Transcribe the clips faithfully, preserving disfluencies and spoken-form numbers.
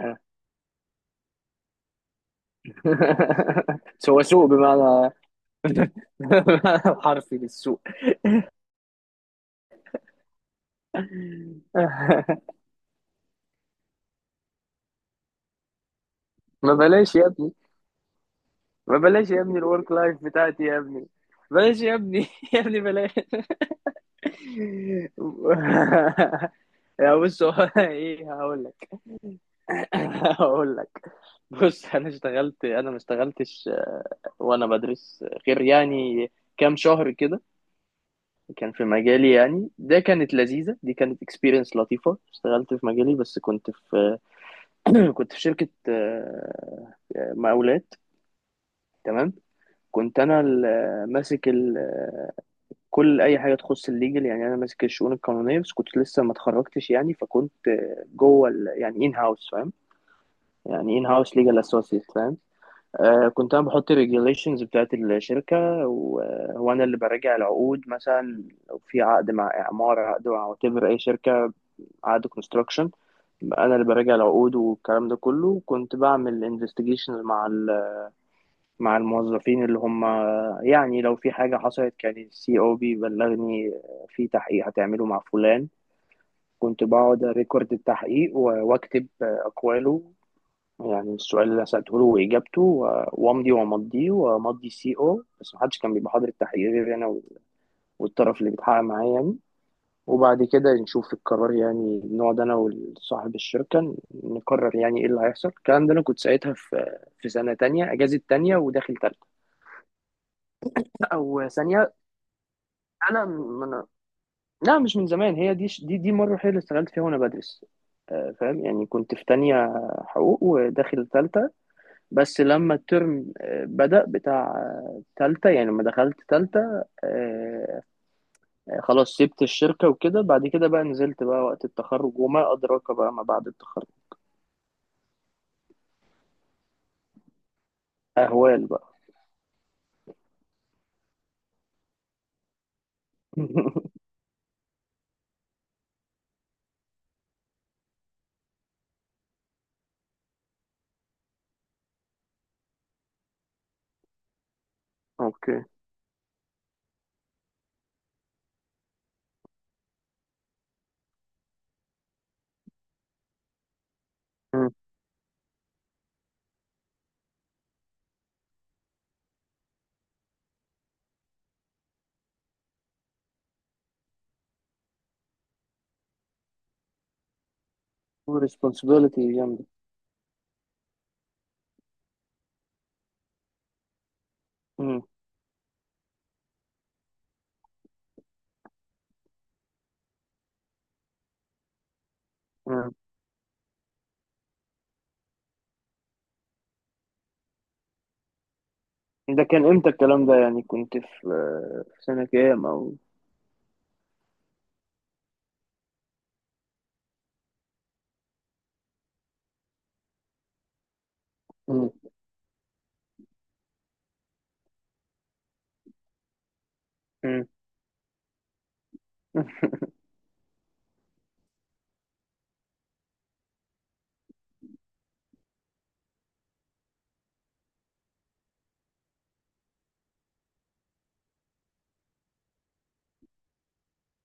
آه. هو سوق بمعنى بمعنى حرفي للسوق. ما بلاش يا ابني ما بلاش يا ابني الورك لايف بتاعتي يا ابني. بلاش يا ابني. يا ابني بلاش. يا بص، هو أنا ايه هقول لك؟ هقول لك. بص، انا اشتغلت، انا ما اشتغلتش. آه، وانا بدرس، غير يعني كام شهر كده، كان في مجالي. يعني ده كانت لذيذة، دي كانت اكسبيرينس لطيفة. اشتغلت في مجالي، بس كنت في كنت في شركة آه، آه، مقاولات. تمام. كنت انا ال- آه، ماسك ال- آه، كل اي حاجه تخص الليجل. يعني انا ماسك الشؤون القانونيه، بس كنت لسه ما اتخرجتش يعني، فكنت آه، جوه ال- يعني ان هاوس، فاهم؟ يعني ان هاوس ليجل اسوسيت، فاهم؟ آه كنت انا بحط الريجوليشنز بتاعت الشركه، و- آه، وانا اللي براجع العقود مثلا. لو في عقد مع اعمار، عقد مع وتبر، اي شركه، عقد كونستراكشن، انا اللي براجع العقود والكلام ده كله. كنت بعمل انفستيجيشن مع ال- مع الموظفين اللي هم، يعني لو في حاجه حصلت كان السي او بيبلغني في تحقيق هتعمله مع فلان. كنت بقعد ريكورد التحقيق و- واكتب آه، اقواله، يعني السؤال اللي أنا سالته له واجابته، و- وامضي وامضيه وامضي السي او. بس محدش كان بيبقى حاضر التحقيق غير انا وال- والطرف اللي بيتحقق معايا يعني. وبعد كده نشوف القرار، يعني نقعد انا وصاحب الشركة نقرر يعني ايه اللي هيحصل. الكلام ده انا كنت ساعتها في في سنة تانية اجازة تانية وداخل تالتة او ثانية. انا من... لا، مش من زمان. هي دي دي دي مرة هي اللي اشتغلت فيها وانا بدرس، آه، فاهم؟ يعني كنت في تانية حقوق وداخل تالتة، بس لما الترم آه، بدأ بتاع آه، تالتة، يعني لما دخلت تالتة آه، آه، خلاص سبت الشركة وكده. بعد كده بقى نزلت بقى وقت التخرج، وما أدراك بقى ما بعد التخرج. اهوال بقى. اوكي. مم. responsibility جامدة. مم. مم. ده كان امتى الكلام ده؟ يعني كنت في في سنة كام او... مم. مم.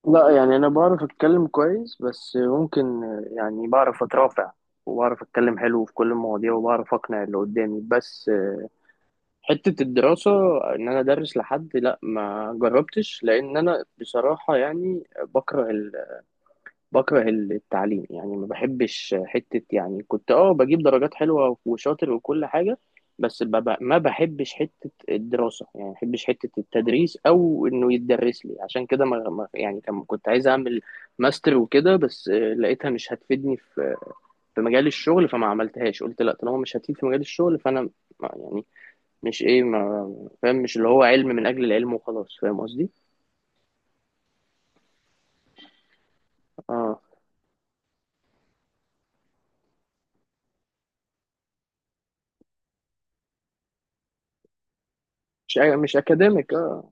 لا، يعني انا بعرف اتكلم كويس، بس ممكن، يعني بعرف اترافع وبعرف اتكلم حلو في كل المواضيع وبعرف اقنع اللي قدامي. بس حتة الدراسة، ان انا ادرس لحد، لا ما جربتش، لان انا بصراحة يعني بكره، بكره ال- التعليم. يعني ما بحبش حتة، يعني كنت اه بجيب درجات حلوة وشاطر وكل حاجة، بس ب- ب- ما بحبش حتة الدراسة، يعني ما بحبش حتة التدريس أو إنه يتدرس لي. عشان كده ما ما- يعني كان- كنت عايز أعمل ماستر وكده، بس آه، لقيتها مش هتفيدني في في مجال الشغل، فما عملتهاش. قلت لا، طالما مش هتفيد في مجال الشغل فأنا ما- يعني مش إيه، ما فاهم؟ مش اللي هو علم من أجل العلم وخلاص، فاهم قصدي؟ اه. مش مش أكاديميك، اه.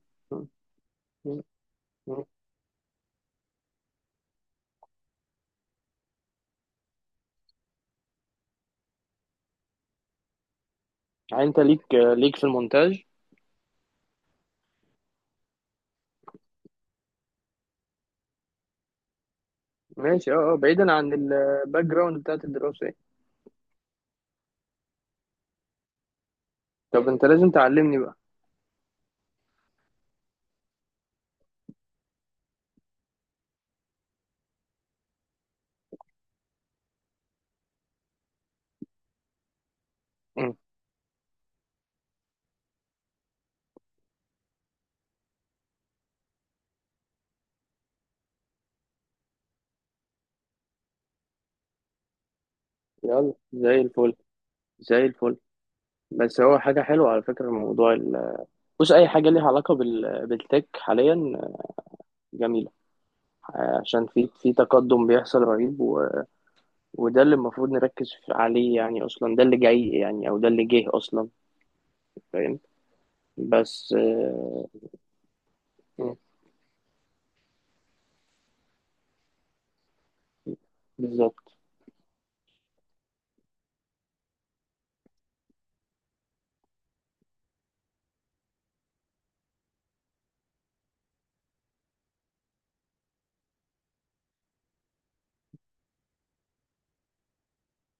يعني انت ليك ليك في المونتاج؟ ماشي. اه اه، بعيدا عن الباك جراوند بتاعت الدراسة يعني. طب انت لازم تعلمني بقى. مم. يلا زي الفل. زي الفل. بس هو حاجة حلوة على فكرة موضوع ال... بص، أي حاجة ليها علاقة بال... بالتك حاليا جميلة. عشان في في تقدم بيحصل رهيب، و... وده اللي المفروض نركز عليه يعني. أصلا ده اللي جاي يعني، أو ده اللي جه أصلا، فاهم؟ بس آه، مم. بالظبط.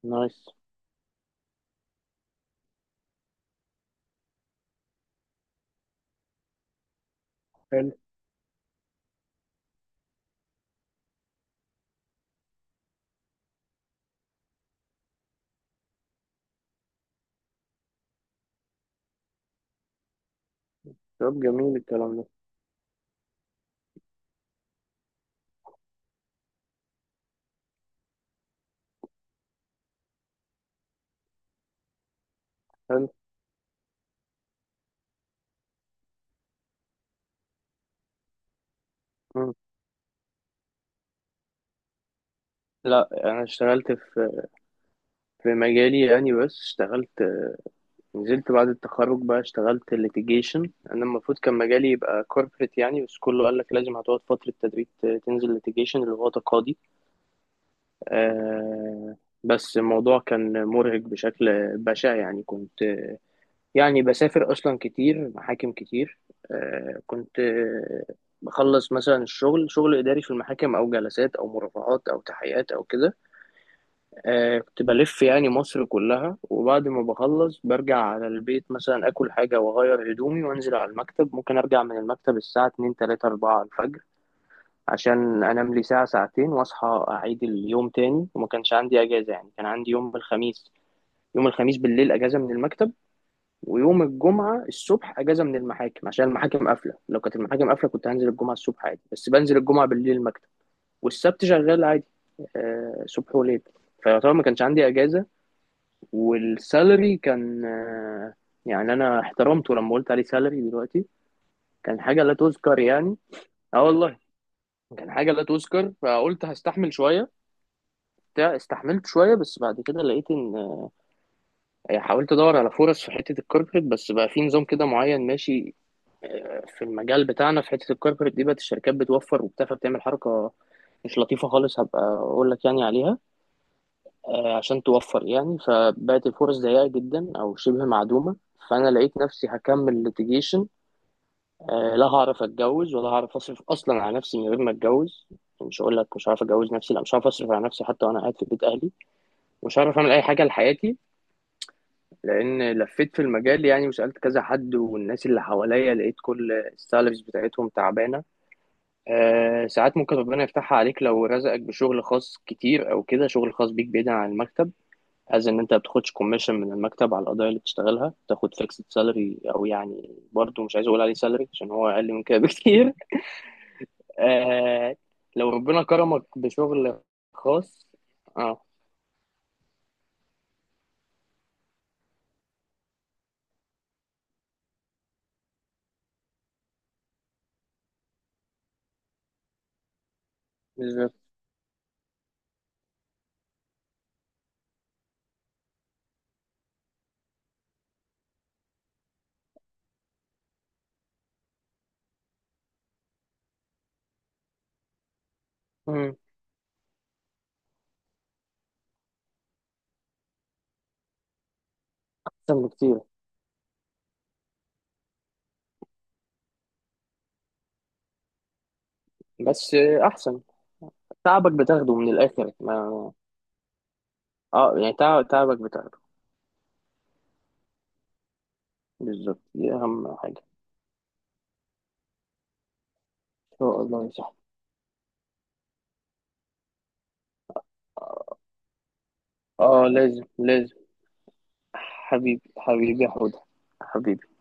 نايس. حلو. طب جميل الكلام ده. حلو. لا، انا اشتغلت في في مجالي يعني، بس اشتغلت. نزلت بعد التخرج بقى، اشتغلت ليتيجيشن. انا المفروض كان مجالي يبقى كوربريت يعني، بس كله قال لك لازم هتقعد فترة تدريب، ت- تنزل ليتيجيشن اللي هو تقاضي. آه بس الموضوع كان مرهق بشكل بشع، يعني كنت، يعني بسافر اصلا كتير، محاكم كتير. آه كنت آه، بخلص مثلا الشغل، شغل اداري في المحاكم او جلسات او مرافعات او تحقيقات او كده. آه كنت بلف يعني مصر كلها، وبعد ما بخلص برجع على البيت مثلا، آكل حاجة وأغير هدومي وأنزل على المكتب. ممكن أرجع من المكتب الساعة اتنين تلاتة اربعة الفجر، عشان أنام لي ساعة ساعتين وأصحى أعيد اليوم تاني. وما كانش عندي أجازة، يعني كان عندي يوم الخميس، يوم الخميس بالليل أجازة من المكتب، ويوم الجمعة الصبح أجازة من المحاكم عشان المحاكم قافلة. لو كانت المحاكم قافلة كنت هنزل الجمعة الصبح عادي، بس بنزل الجمعة بالليل المكتب، والسبت شغال عادي، آه، صبح وليل. فيعتبر ما كانش عندي أجازة. والسالري كان آه، يعني انا احترمته لما قلت عليه سالري دلوقتي، كان حاجه لا تذكر يعني. اه والله، كان حاجه لا تذكر. فقلت هستحمل شويه. بتاع استحملت شويه، بس بعد كده لقيت ان آه، حاولت ادور على فرص في حته الكوربريت، بس بقى في نظام كده معين ماشي. آه، في المجال بتاعنا في حته الكوربريت دي، بقت الشركات بتوفر وبتاع، فبتعمل حركه مش لطيفه خالص، هبقى اقول لك يعني عليها. آه، عشان توفر يعني، فبقت الفرص ضيقة جدا أو شبه معدومة. فأنا لقيت نفسي هكمل ليتيجيشن، لا هعرف أتجوز ولا هعرف أصرف أصلا على نفسي من غير ما أتجوز. مش هقول لك مش هعرف أتجوز، نفسي لا مش هعرف أصرف على نفسي حتى وأنا قاعد في بيت أهلي. مش هعرف أعمل أي حاجة لحياتي، لأن لفيت في المجال يعني وسألت كذا حد والناس اللي حواليا، لقيت كل السالاريز بتاعتهم تعبانة. آه، ساعات ممكن ربنا يفتحها عليك لو رزقك بشغل خاص كتير، أو كده شغل خاص بيك بعيدا عن المكتب، از ان انت ما بتاخدش كوميشن من المكتب على القضايا اللي بتشتغلها، بتاخد فيكسد سالري او يعني، برضه مش عايز اقول عليه سالري عشان هو اقل من كده بكتير. آه لو ربنا كرمك بشغل خاص. اه، بالظبط. مم. احسن بكتير. بس آه، احسن. تعبك بتاخده من الاخر، ما اه يعني تعب تعبك بتاخده. بالظبط، دي اهم حاجه. ان شاء الله يا صاحبي. اه لازم، لازم. حبيبي، حبيبي يا حوده. حبيبي.